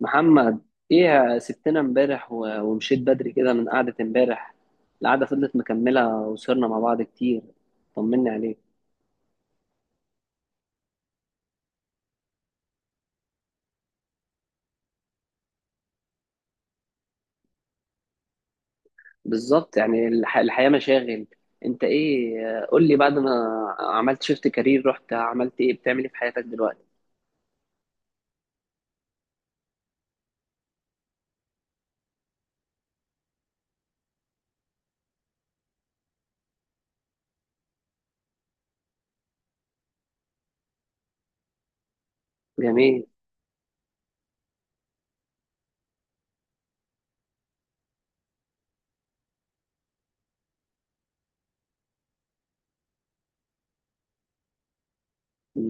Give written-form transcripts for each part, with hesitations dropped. محمد، ايه يا سبتنا امبارح ومشيت بدري كده من قعدة امبارح. القعدة فضلت مكملة وسهرنا مع بعض كتير. طمني عليك. بالظبط، يعني الحياة مشاغل. انت ايه، قول لي بعد ما عملت شيفت كارير، رحت عملت ايه؟ بتعمل ايه في حياتك دلوقتي؟ جميل.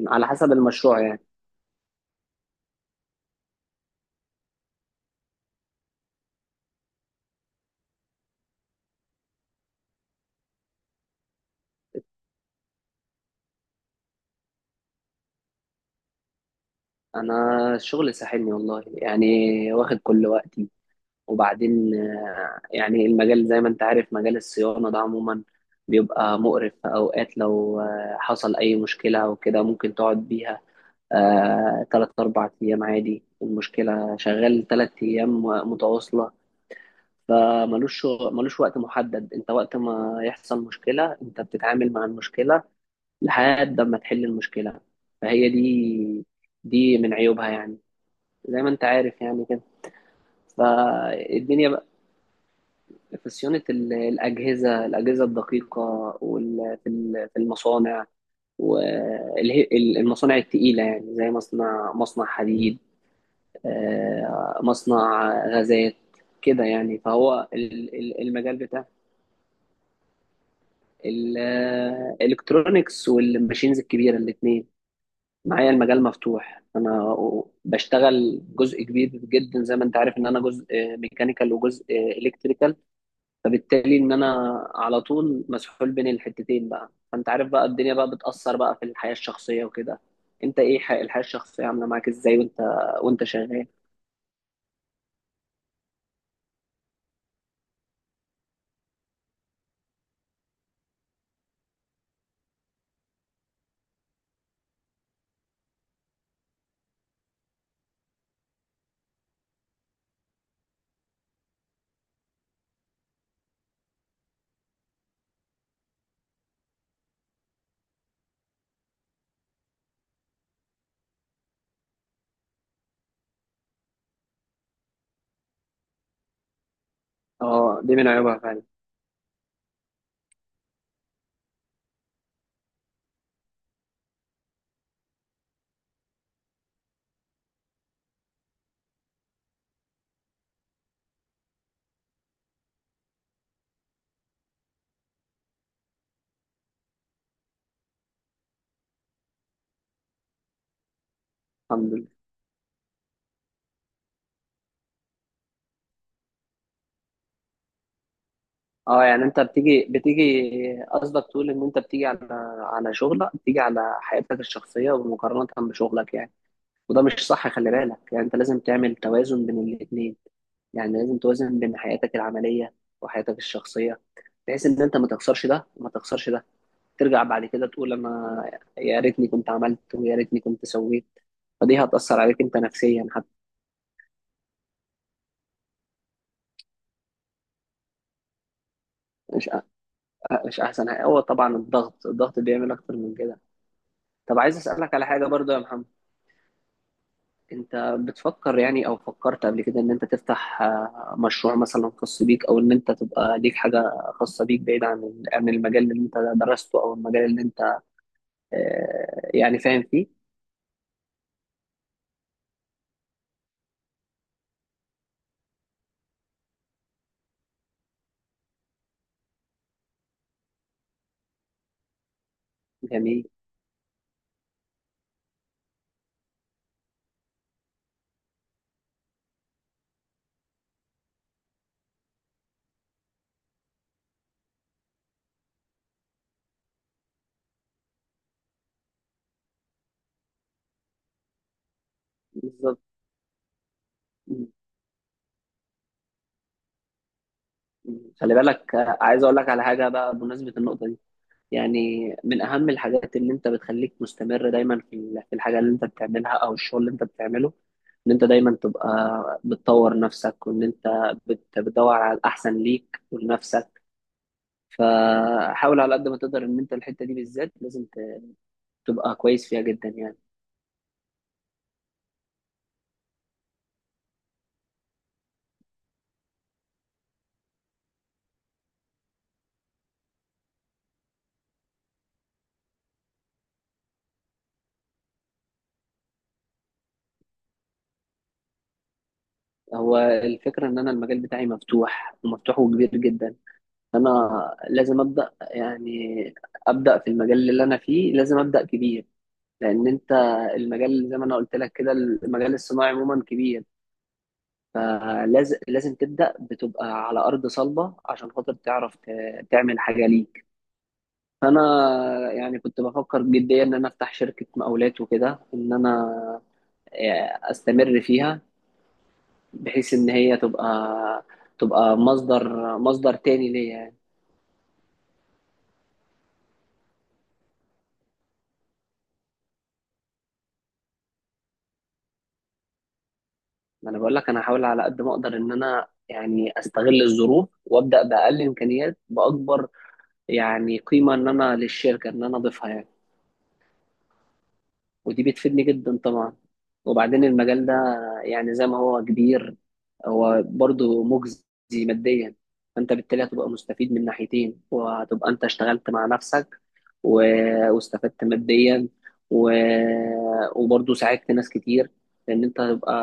على حسب المشروع يعني. انا الشغل ساحلني والله يعني، واخد كل وقتي. وبعدين يعني المجال زي ما انت عارف، مجال الصيانة ده عموما بيبقى مقرف. في أوقات لو حصل أي مشكلة أو كده ممكن تقعد بيها تلات أربع أيام عادي. المشكلة شغال تلات أيام متواصلة، ملوش وقت محدد. انت وقت ما يحصل مشكلة انت بتتعامل مع المشكلة لحد ما تحل المشكلة. فهي دي، دي من عيوبها يعني، زي ما انت عارف يعني كده، فالدنيا. في صيانة الأجهزة، الأجهزة الدقيقة، في المصانع والمصانع التقيلة، يعني زي مصنع، مصنع حديد، مصنع غازات كده يعني. فهو المجال بتاع الإلكترونيكس والماشينز الكبيرة، الاتنين معايا، المجال مفتوح. أنا بشتغل جزء كبير جدا، زي ما أنت عارف، إن أنا جزء ميكانيكال وجزء إلكتريكال، فبالتالي ان انا على طول مسحول بين الحتتين بقى. فانت عارف بقى، الدنيا بقى بتأثر بقى في الحياة الشخصية وكده. انت ايه، الحياة الشخصية عاملة معاك ازاي وانت، وانت شغال؟ اه، دي من عيوبها فعلا. الحمد لله. اه يعني انت بتيجي، قصدك تقول ان انت بتيجي على، على شغلك بتيجي على حياتك الشخصية ومقارنة بشغلك يعني. وده مش صح، خلي بالك. يعني انت لازم تعمل توازن بين الاتنين، يعني لازم توازن بين حياتك العملية وحياتك الشخصية، بحيث ان انت ما تخسرش ده وما تخسرش ده. ترجع بعد كده تقول انا يا ريتني كنت عملت، ويا ريتني كنت سويت. فدي هتأثر عليك انت نفسيا حتى. مش أ- مش احسن حاجة. هو طبعا الضغط، الضغط بيعمل اكتر من كده. طب عايز اسألك على حاجة برضو يا محمد، انت بتفكر يعني او فكرت قبل كده ان انت تفتح مشروع مثلا خاص بيك، او ان انت تبقى ليك حاجة خاصة بيك بعيد عن، عن المجال اللي انت درسته او المجال اللي انت يعني فاهم فيه؟ جميل. بالظبط. م- م. خلي بالك. عايز اقول لك على حاجة بقى بمناسبة النقطة دي. يعني من أهم الحاجات اللي أنت بتخليك مستمر دايما في في الحاجة اللي أنت بتعملها أو الشغل اللي أنت بتعمله، إن أنت دايما تبقى بتطور نفسك وإن أنت بتدور على الأحسن ليك ولنفسك. فحاول على قد ما تقدر إن أنت الحتة دي بالذات لازم تبقى كويس فيها جدا يعني. هو الفكرة إن أنا المجال بتاعي مفتوح ومفتوح وكبير جدا. أنا لازم أبدأ يعني، أبدأ في المجال اللي أنا فيه، لازم أبدأ كبير. لان انت، المجال زي ما انا قلت لك كده، المجال الصناعي عموما كبير، فلازم، لازم تبدا بتبقى على ارض صلبه عشان خاطر تعرف تعمل حاجه ليك. فانا يعني كنت بفكر جديا ان انا افتح شركه مقاولات وكده، ان انا استمر فيها، بحيث ان هي تبقى، تبقى مصدر، مصدر تاني ليا يعني. ما انا بقول لك انا هحاول على قد ما اقدر ان انا يعني استغل الظروف وابدا باقل امكانيات، باكبر يعني قيمة إن أنا للشركة إن أنا أضيفها يعني. ودي بتفيدني جدا طبعا. وبعدين المجال ده، يعني زي ما هو كبير، هو برضه مجزي ماديا. فأنت بالتالي هتبقى مستفيد من ناحيتين، وهتبقى أنت اشتغلت مع نفسك و... واستفدت ماديا و... وبرضه ساعدت ناس كتير. لأن أنت هتبقى،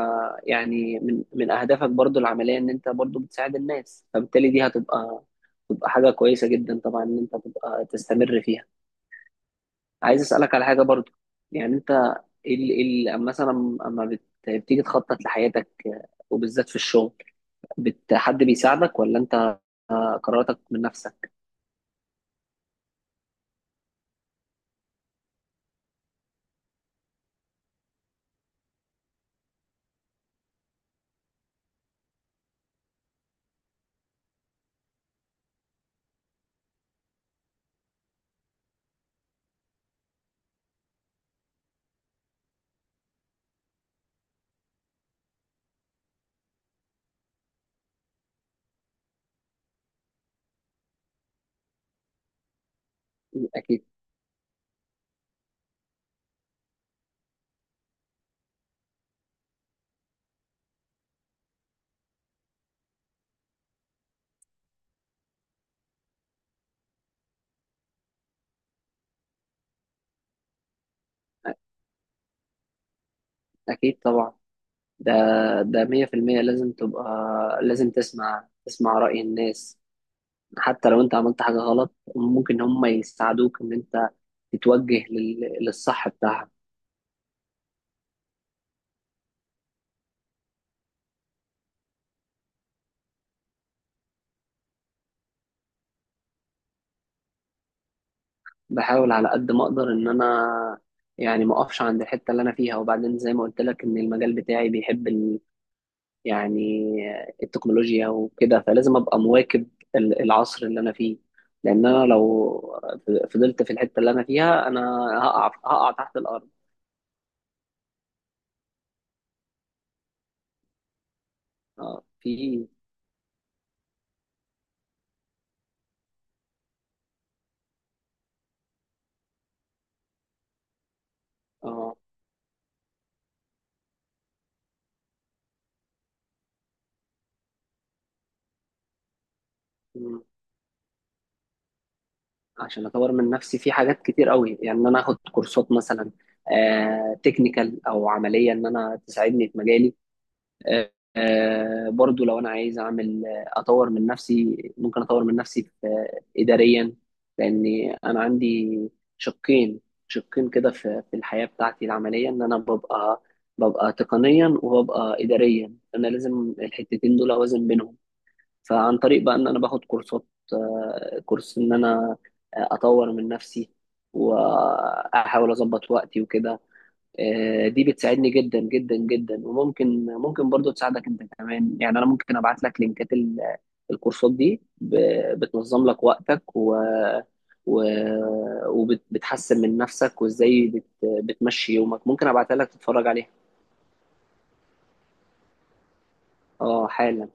يعني من، من أهدافك برضه العملية إن أنت برضه بتساعد الناس، فبالتالي دي هتبقى، تبقى حاجة كويسة جدا طبعا إن أنت تبقى تستمر فيها. عايز اسالك على حاجه برضو. يعني انت، ال ال مثلا اما بتيجي تخطط لحياتك وبالذات في الشغل، بت حد بيساعدك ولا انت قراراتك من نفسك؟ اكيد، اكيد طبعا. ده، ده 100% لازم تبقى، لازم تسمع، تسمع رأي الناس. حتى لو انت عملت حاجة غلط ممكن هم يساعدوك ان انت تتوجه للصح بتاعها. بحاول على قد ما اقدر ان انا يعني ما اقفش عند الحته اللي انا فيها. وبعدين زي ما قلت لك ان المجال بتاعي بيحب ال... يعني التكنولوجيا وكده، فلازم ابقى مواكب العصر اللي انا فيه. لان انا لو فضلت في الحته اللي انا فيها، انا هقع تحت الارض. اه، في. اه. مم. عشان اطور من نفسي في حاجات كتير قوي، يعني ان انا اخد كورسات مثلا آه تكنيكال او عمليه ان انا تساعدني في مجالي. برضو لو انا عايز اعمل، اطور من نفسي، ممكن اطور من نفسي في اداريا. لان انا عندي شقين، شقين كده في، في الحياة بتاعتي العملية، ان انا ببقى، ببقى تقنيا وببقى اداريا. انا لازم الحتتين دول اوازن بينهم. فعن طريق بقى ان انا باخد كورسات كورس ان انا اطور من نفسي، واحاول اظبط وقتي وكده. دي بتساعدني جدا جدا جدا، وممكن، ممكن برضو تساعدك انت كمان يعني. انا ممكن ابعت لك لينكات الكورسات دي، بتنظم لك وقتك و، وبتحسن من نفسك، وازاي بت... بتمشي يومك. ممكن ابعتها لك تتفرج عليها. اه، حالا.